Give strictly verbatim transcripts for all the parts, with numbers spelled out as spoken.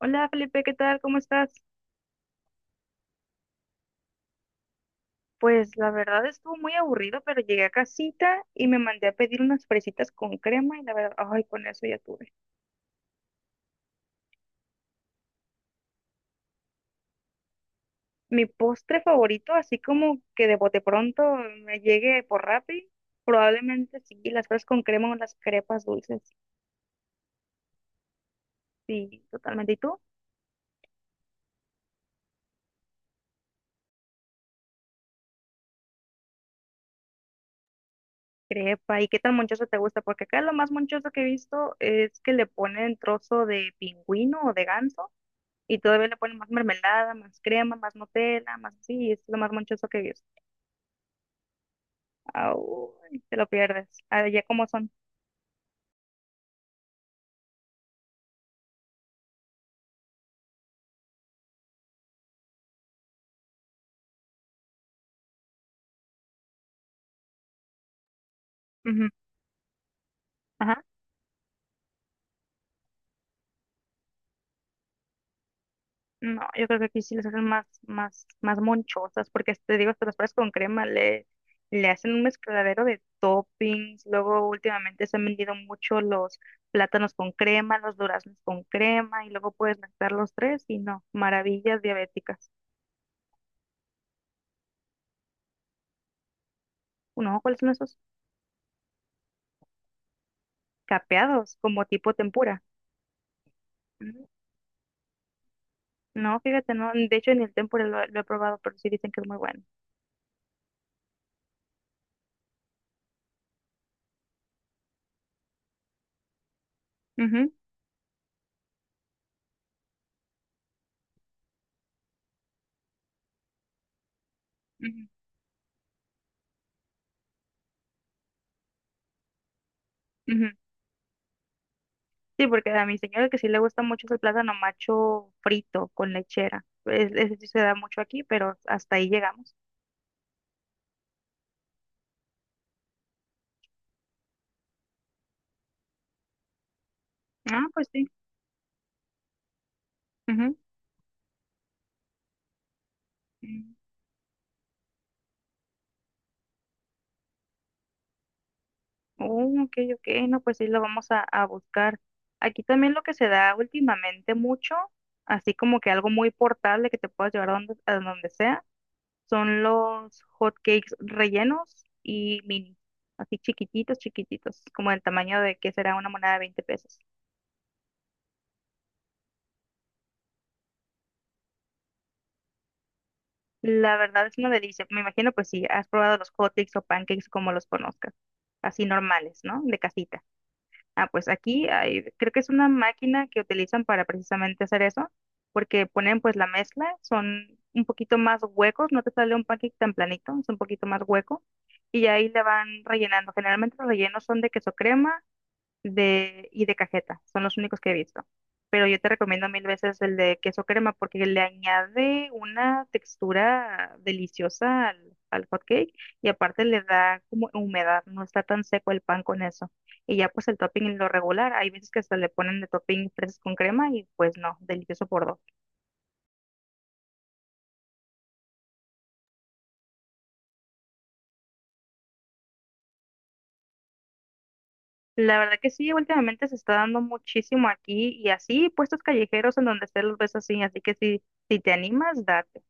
Hola Felipe, ¿qué tal? ¿Cómo estás? Pues la verdad estuvo muy aburrido, pero llegué a casita y me mandé a pedir unas fresitas con crema y la verdad, ay, con eso ya tuve. Mi postre favorito, así como que de bote pronto me llegue por Rappi, probablemente sí, las fresas con crema o las crepas dulces, sí, totalmente. ¿Y tú? Crepa, ¿y qué tan monchoso te gusta? Porque acá lo más monchoso que he visto es que le ponen trozo de pingüino o de ganso. Y todavía le ponen más mermelada, más crema, más Nutella, más así, y es lo más monchoso que he visto. Ay, te lo pierdes. Allá como son. Ujú, ajá. No, yo creo que aquí sí les hacen más, más, más monchosas, porque te digo, hasta las fresas con crema le, le hacen un mezcladero de toppings. Luego últimamente se han vendido mucho los plátanos con crema, los duraznos con crema, y luego puedes mezclar los tres y no, maravillas diabéticas. No, ¿cuáles son esos? Capeados, como tipo tempura. No, fíjate, no. De hecho, en el tempura lo, lo he probado, pero sí dicen que es muy bueno. Ujú, ujú, ujú. Sí, porque a mi señora que sí le gusta mucho es el plátano macho frito con lechera. Es- ese sí se da mucho aquí, pero hasta ahí llegamos. Ah, pues sí. Ujú. Mm. Oh, ok, ok. No, pues sí, lo vamos a, a buscar. Aquí también lo que se da últimamente mucho, así como que algo muy portable que te puedas llevar a donde, a donde sea, son los hotcakes rellenos y mini, así chiquititos, chiquititos, como el tamaño de que será una moneda de veinte pesos. La verdad es una delicia. Me imagino, pues sí, has probado los hotcakes o pancakes como los conozcas, así normales, ¿no? De casita. Ah, pues aquí hay, creo que es una máquina que utilizan para precisamente hacer eso, porque ponen pues la mezcla, son un poquito más huecos, no te sale un pancake tan planito, es un poquito más hueco y ahí le van rellenando. Generalmente los rellenos son de queso crema de, y de cajeta. Son los únicos que he visto. Pero yo te recomiendo mil veces el de queso crema porque le añade una textura deliciosa al, al hot cake y aparte le da como humedad, no está tan seco el pan con eso. Y ya pues el topping lo regular, hay veces que hasta le ponen de topping fresas con crema y pues no, delicioso por dos. La verdad que sí, últimamente se está dando muchísimo aquí y así puestos callejeros en donde esté los ves así, así que si, si te animas, date.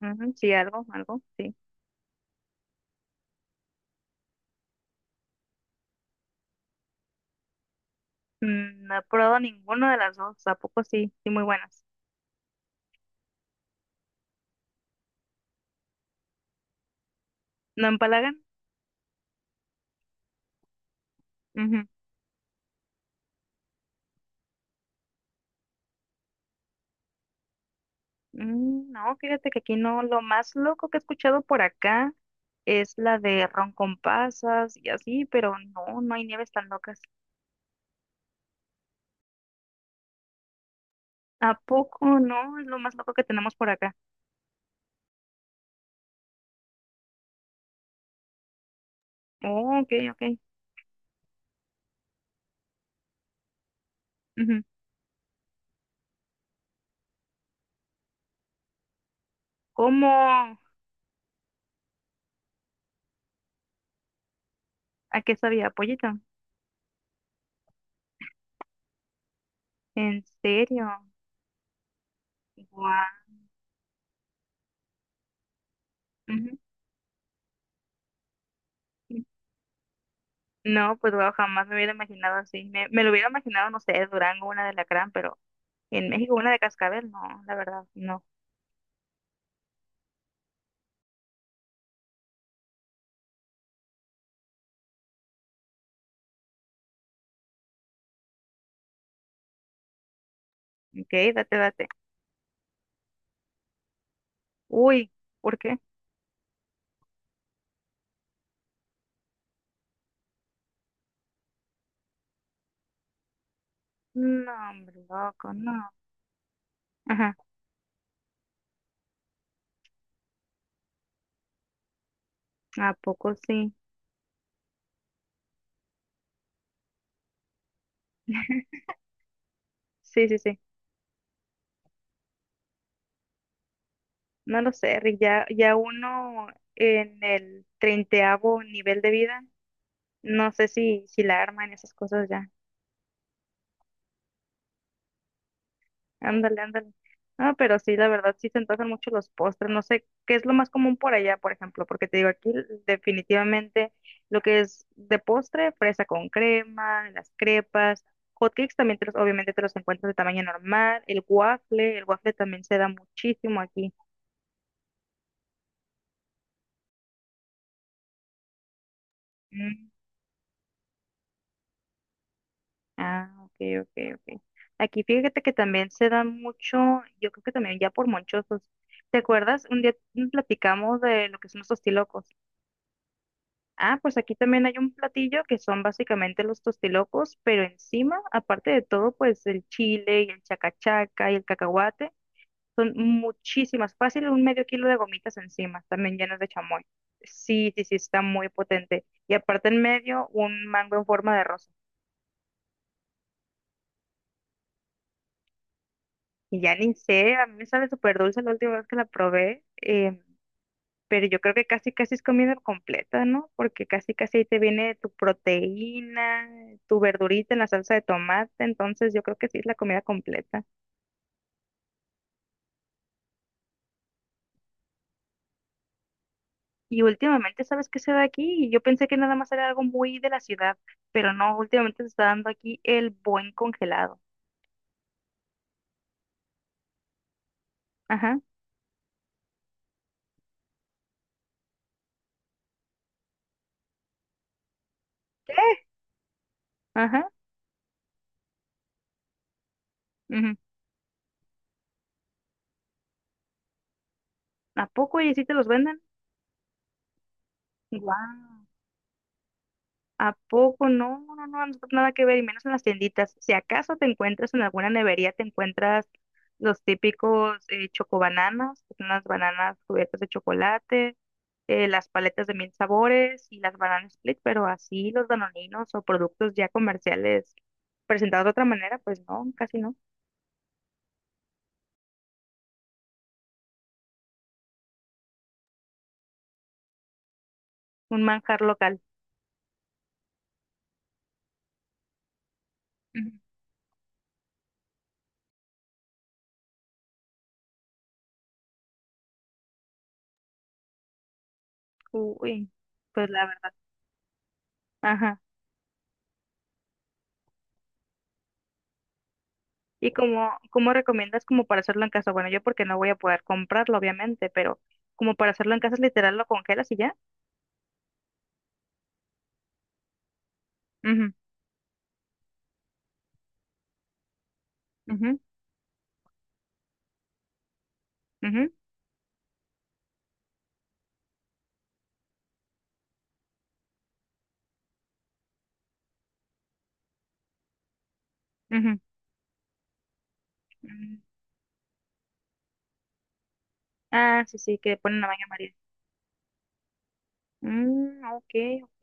Ujú, ujú, sí, algo, algo, sí. Mm, no he probado ninguna de las dos, ¿a poco sí? Sí, muy buenas. ¿No empalagan? Ujú. Mm, no, fíjate que aquí no, lo más loco que he escuchado por acá es la de ron con pasas y así, pero no, no hay nieves tan locas. ¿A poco no? Es lo más loco que tenemos por acá. Oh, ok, ok. Ujú. ¿Cómo? ¿A qué sabía? ¿Pollito? ¿En serio? Guau. Ujú. No, pues wow, jamás me hubiera imaginado así. Me, me lo hubiera imaginado, no sé, Durango, una de la gran, pero en México una de cascabel, no, la verdad, no. Ok, date, date. Uy, ¿por qué? No, hombre, loco, no. Ajá, ¿a poco sí? Sí, sí, sí. No lo sé, Rick, ya, ya uno en el treintaavo nivel de vida, no sé si, si la arma en esas cosas ya. Ándale, ándale. Ah, pero sí, la verdad, sí se antojan mucho los postres. No sé qué es lo más común por allá, por ejemplo, porque te digo, aquí definitivamente lo que es de postre, fresa con crema, las crepas, hotcakes también te los, obviamente te los encuentras de tamaño normal, el waffle, el waffle también se da muchísimo aquí. Mm, ah, ok, ok, ok. Aquí fíjate que también se da mucho, yo creo que también ya por monchosos. ¿Te acuerdas? Un día platicamos de lo que son los tostilocos. Ah, pues aquí también hay un platillo que son básicamente los tostilocos, pero encima, aparte de todo, pues el chile y el chacachaca y el cacahuate, son muchísimas, fácil un medio kilo de gomitas encima, también llenas de chamoy. Sí, sí, sí, está muy potente. Y aparte en medio, un mango en forma de rosa. Y ya ni sé, a mí me sabe súper dulce la última vez que la probé, eh, pero yo creo que casi casi es comida completa, ¿no? Porque casi casi ahí te viene tu proteína, tu verdurita en la salsa de tomate, entonces yo creo que sí es la comida completa. Y últimamente, ¿sabes qué se da aquí? Y yo pensé que nada más era algo muy de la ciudad, pero no, últimamente se está dando aquí el buen congelado. Ajá. ¿Qué? Ajá. Ujú. ¿A poco y si te los venden? Guau. ¿A poco? No, no, no, no, nada que ver, y menos en las tienditas. Si acaso te encuentras en alguna nevería, te encuentras los típicos eh, chocobananas, que son las bananas cubiertas de chocolate, eh, las paletas de mil sabores y las bananas split, pero así los danoninos o productos ya comerciales presentados de otra manera, pues no, casi no. Un manjar local. Ujú. Uy, pues la verdad. Ajá. ¿Y cómo, cómo recomiendas como para hacerlo en casa? Bueno, yo porque no voy a poder comprarlo, obviamente, pero como para hacerlo en casa, es literal, lo congelas y ya. Ujú, ujú, ujú, ujú. Mm, ah, sí, sí, que ponen la baña María. Mm, ok, ok.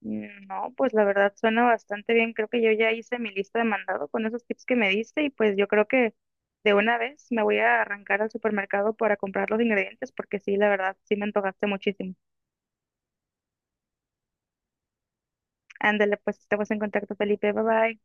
Mm, no, pues la verdad suena bastante bien. Creo que yo ya hice mi lista de mandado con esos tips que me diste y pues yo creo que de una vez me voy a arrancar al supermercado para comprar los ingredientes porque sí, la verdad, sí me antojaste muchísimo. Ándale, pues estamos en contacto, Felipe. Bye bye.